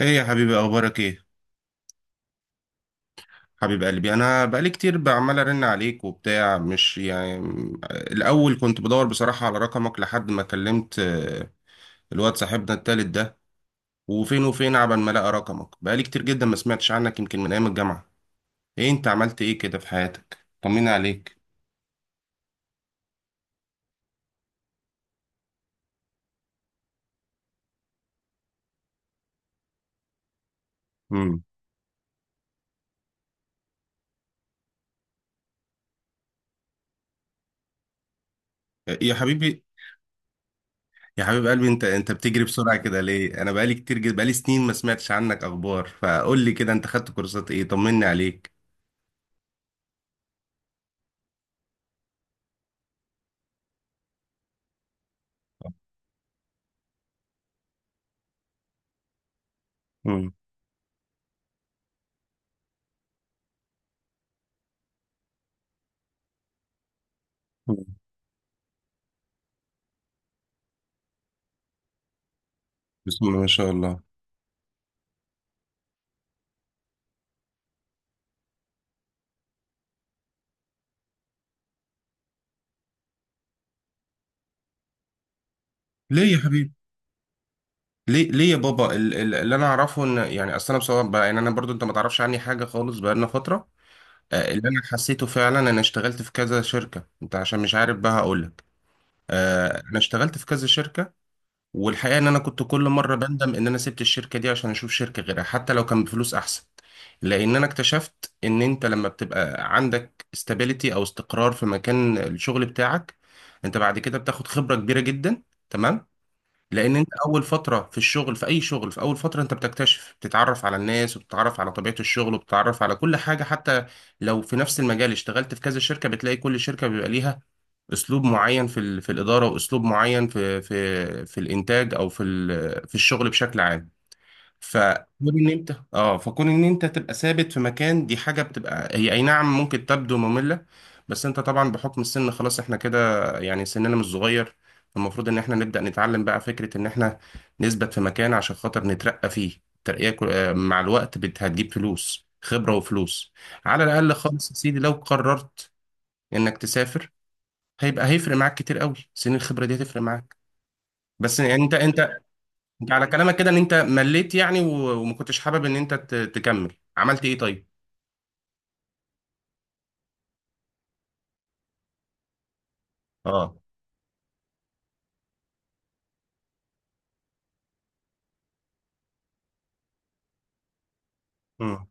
ايه يا حبيبي، اخبارك ايه؟ حبيب قلبي، انا بقالي كتير بعمل ارن عليك وبتاع، مش يعني، الاول كنت بدور بصراحة على رقمك لحد ما كلمت، الواد صاحبنا التالت ده. وفين وفين عبال ما لقى رقمك، بقالي كتير جدا ما سمعتش عنك، يمكن من ايام الجامعة. ايه انت عملت ايه كده في حياتك؟ طمني عليك. امم. يا حبيبي، يا حبيب قلبي، انت بتجري بسرعة كده ليه؟ انا بقالي كتير جدا، بقالي سنين ما سمعتش عنك اخبار، فقول لي كده، انت خدت كورسات ايه؟ طمني عليك. امم. بسم الله ما شاء الله. ليه يا حبيبي؟ ليه ليه يا بابا؟ اللي انا اعرفه ان، يعني اصل انا بصراحه بقى، يعني انا برضو، انت ما تعرفش عني حاجه خالص بقالنا فتره. اللي انا حسيته فعلا، انا اشتغلت في كذا شركه، انت عشان مش عارف بقى هقول لك. انا اشتغلت في كذا شركه. والحقيقه ان انا كنت كل مره بندم ان انا سبت الشركه دي، عشان اشوف شركه غيرها، حتى لو كان بفلوس احسن. لان انا اكتشفت ان انت لما بتبقى عندك استابيليتي او استقرار في مكان الشغل بتاعك، انت بعد كده بتاخد خبره كبيره جدا، تمام. لان انت اول فتره في الشغل، في اي شغل، في اول فتره انت بتكتشف، بتتعرف على الناس، وبتتعرف على طبيعه الشغل، وبتتعرف على كل حاجه، حتى لو في نفس المجال اشتغلت في كذا شركه بتلاقي كل شركه بيبقى ليها اسلوب معين في الاداره، واسلوب معين في الانتاج، او في الشغل بشكل عام. فكون ان انت تبقى ثابت في مكان، دي حاجه بتبقى هي اي نعم ممكن تبدو ممله. بس انت طبعا بحكم السن، خلاص احنا كده يعني سننا مش صغير. المفروض ان احنا نبدا نتعلم بقى فكره ان احنا نثبت في مكان عشان خاطر نترقى فيه ترقيه، مع الوقت هتجيب فلوس، خبره وفلوس. على الاقل خالص يا سيدي، لو قررت انك تسافر، هيبقى هيفرق معاك كتير قوي، سن الخبره دي هتفرق معاك. بس يعني، انت على كلامك كده ان انت مليت، يعني وما كنتش حابب ان انت تكمل. عملت ايه طيب؟ اه. امم.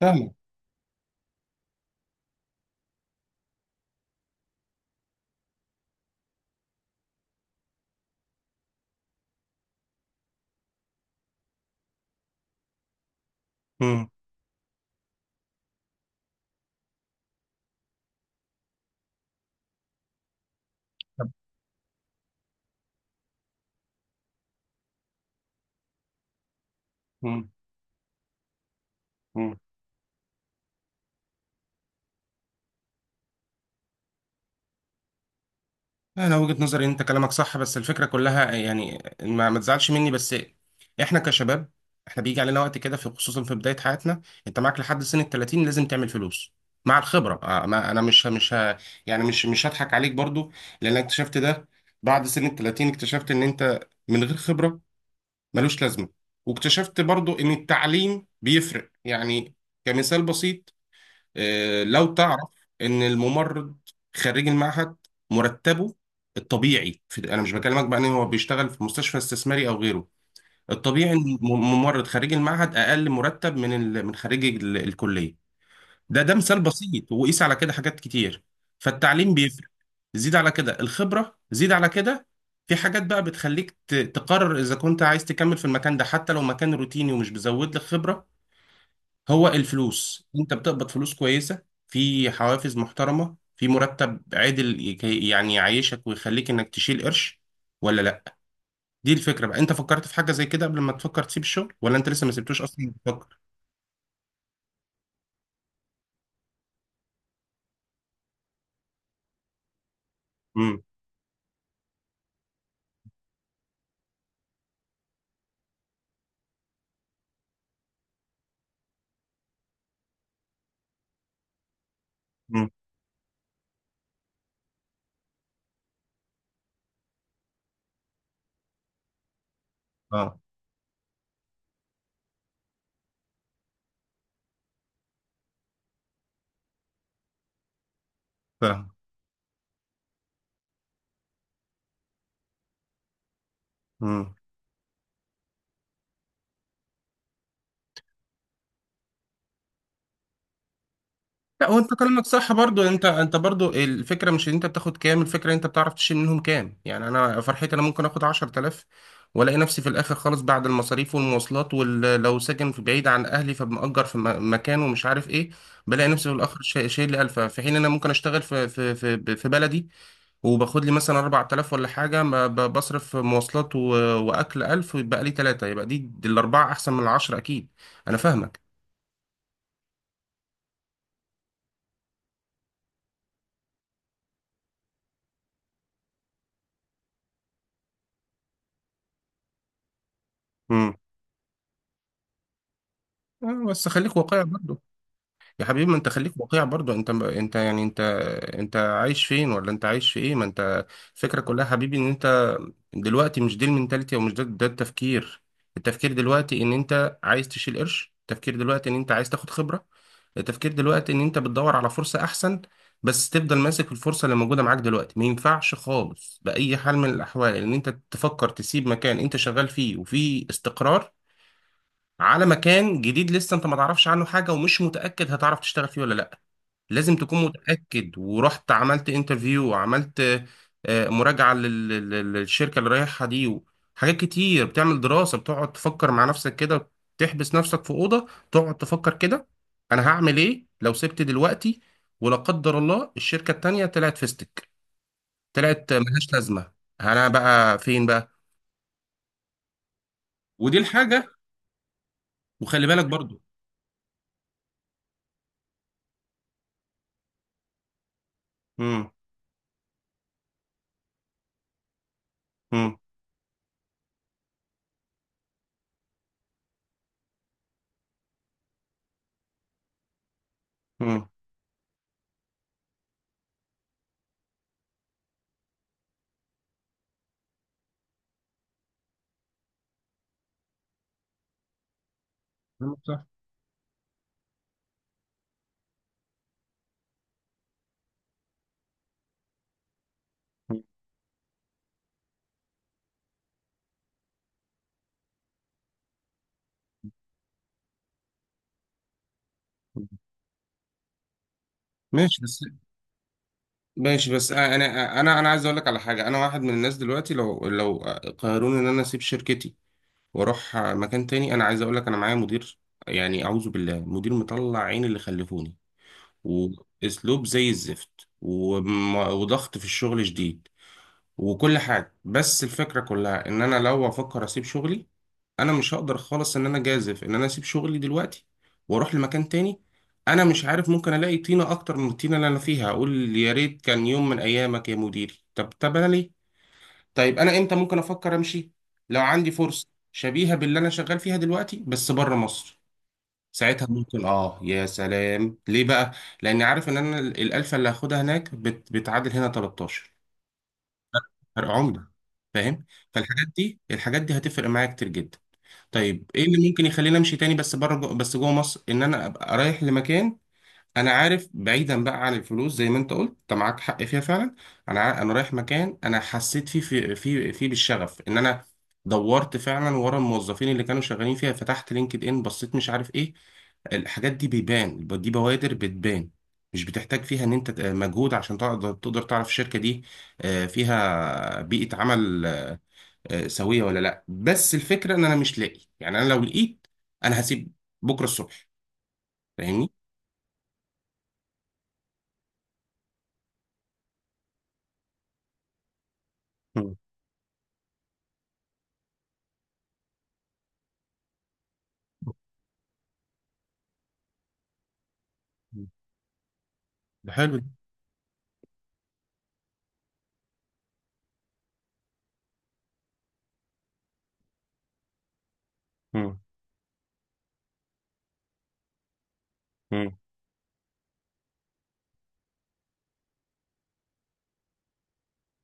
فاهمك. امم. طب. امم. امم. انا وجهة نظري ان انت كلامك صح، بس الفكره كلها يعني، ما تزعلش مني بس. احنا كشباب، احنا بيجي علينا وقت كده، في خصوصا في بدايه حياتنا. انت معاك لحد سن ال 30 لازم تعمل فلوس مع الخبره، ما انا مش يعني مش هضحك عليك برضو. لان اكتشفت ده بعد سن ال 30، اكتشفت ان انت من غير خبره ملوش لازمة. واكتشفت برضو ان التعليم بيفرق يعني. كمثال بسيط، لو تعرف ان الممرض خريج المعهد مرتبه، الطبيعي، في، انا مش بكلمك بقى ان هو بيشتغل في مستشفى استثماري او غيره، الطبيعي ان الممرض خريج المعهد اقل مرتب من خريج الكلية. ده مثال بسيط، وقيس على كده حاجات كتير. فالتعليم بيفرق. زيد على كده الخبرة، زيد على كده، في حاجات بقى بتخليك تقرر إذا كنت عايز تكمل في المكان ده، حتى لو مكان روتيني ومش بيزود لك خبرة. هو الفلوس، أنت بتقبض فلوس كويسة، في حوافز محترمة، في مرتب عادل يعني يعيشك ويخليك إنك تشيل قرش، ولا لأ؟ دي الفكرة بقى. أنت فكرت في حاجة زي كده قبل ما تفكر تسيب الشغل، ولا أنت لسه ما سبتوش أصلا بتفكر؟ امم. امم. اه. فاهم. مم. لا وانت كلامك صح برضو، انت برضو الفكره مش ان انت بتاخد كام، الفكره ان انت بتعرف تشيل منهم كام. يعني انا فرحتي انا ممكن اخد 10,000، والاقي نفسي في الاخر خالص بعد المصاريف والمواصلات، ولو ساكن في بعيد عن اهلي فمأجر في مكان ومش عارف ايه، بلاقي نفسي في الاخر شايل لي 1000، في حين انا ممكن اشتغل في بلدي وباخد لي مثلا 4000 ولا حاجه، ما بصرف مواصلات واكل 1000 ويبقى لي 3، يبقى دي الاربعه احسن من العشره اكيد. انا فاهمك. امم. بس خليك واقعي. يا حبيبي، ما انت خليك واقعي برضو، انت يعني انت، انت عايش فين ولا انت عايش في ايه؟ ما انت الفكره كلها يا حبيبي ان انت دلوقتي مش دي المنتاليتي، او مش ده التفكير. التفكير دلوقتي ان انت عايز تشيل قرش، التفكير دلوقتي ان انت عايز تاخد خبره، التفكير دلوقتي ان انت بتدور على فرصه احسن، بس تفضل ماسك في الفرصه اللي موجوده معاك دلوقتي. ما ينفعش خالص باي حال من الاحوال ان انت تفكر تسيب مكان انت شغال فيه وفيه استقرار، على مكان جديد لسه انت ما تعرفش عنه حاجه ومش متاكد هتعرف تشتغل فيه ولا لا. لازم تكون متأكد ورحت عملت انترفيو وعملت مراجعة للشركة اللي رايحها دي، وحاجات كتير بتعمل دراسة، بتقعد تفكر مع نفسك كده، تحبس نفسك في أوضة تقعد تفكر كده: أنا هعمل إيه لو سبت دلوقتي؟ ولا قدر الله الشركة التانية طلعت فيستك، طلعت ملهاش لازمة، أنا بقى فين بقى؟ ودي الحاجة. وخلي بالك برضو. مم. مم. مم. صح. ماشي بس. ماشي بس انا عايز اقول لك على حاجه. انا واحد من الناس دلوقتي، لو قرروني ان انا اسيب شركتي واروح مكان تاني، انا عايز اقول لك، انا معايا مدير يعني اعوذ بالله، مدير مطلع عين اللي خلفوني، واسلوب زي الزفت، وضغط في الشغل شديد، وكل حاجة. بس الفكرة كلها ان انا لو افكر اسيب شغلي، انا مش هقدر خالص ان انا جازف ان انا اسيب شغلي دلوقتي واروح لمكان تاني. انا مش عارف، ممكن الاقي طينة اكتر من الطينة اللي انا فيها، اقول يا ريت كان يوم من ايامك يا مديري. طب، انا ليه؟ طيب انا امتى ممكن افكر امشي؟ لو عندي فرصة شبيهة باللي انا شغال فيها دلوقتي بس بره مصر، ساعتها ممكن. اه يا سلام، ليه بقى؟ لاني عارف ان انا الالفة اللي هاخدها هناك بتعادل هنا 13 فرق عملة. فاهم؟ فالحاجات دي، الحاجات دي هتفرق معايا كتير جدا. طيب ايه اللي ممكن يخليني امشي تاني، بس بس جوه مصر، ان انا ابقى رايح لمكان انا عارف، بعيدا بقى عن الفلوس زي ما انت قلت انت معاك حق فيها فعلا، انا رايح مكان انا حسيت فيه في في في بالشغف، ان انا دورت فعلا ورا الموظفين اللي كانوا شغالين فيها، فتحت لينكد ان، بصيت، مش عارف ايه. الحاجات دي بيبان، دي بوادر بتبان، مش بتحتاج فيها ان انت مجهود عشان تقدر تعرف الشركة دي فيها بيئة عمل سوية ولا لا. بس الفكرة ان انا مش لاقي، يعني انا لو لقيت، انا هسيب بكرة الصبح. فاهمني. مم. ده حلو. مم. مم.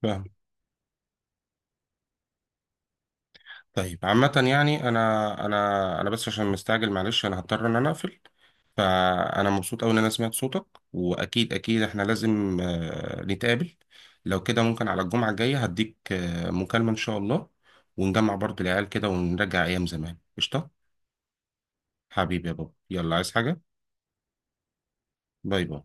فاهم. طيب عامة يعني، أنا بس عشان مستعجل، معلش أنا هضطر إن أنا أقفل. فأنا مبسوط أوي إن أنا سمعت صوتك، وأكيد أكيد إحنا لازم نتقابل. لو كده ممكن على الجمعة الجاية هديك مكالمة إن شاء الله، ونجمع برضو العيال كده ونرجع أيام زمان، قشطة. حبيبي يا بابا، يلا، عايز حاجة؟ باي باي.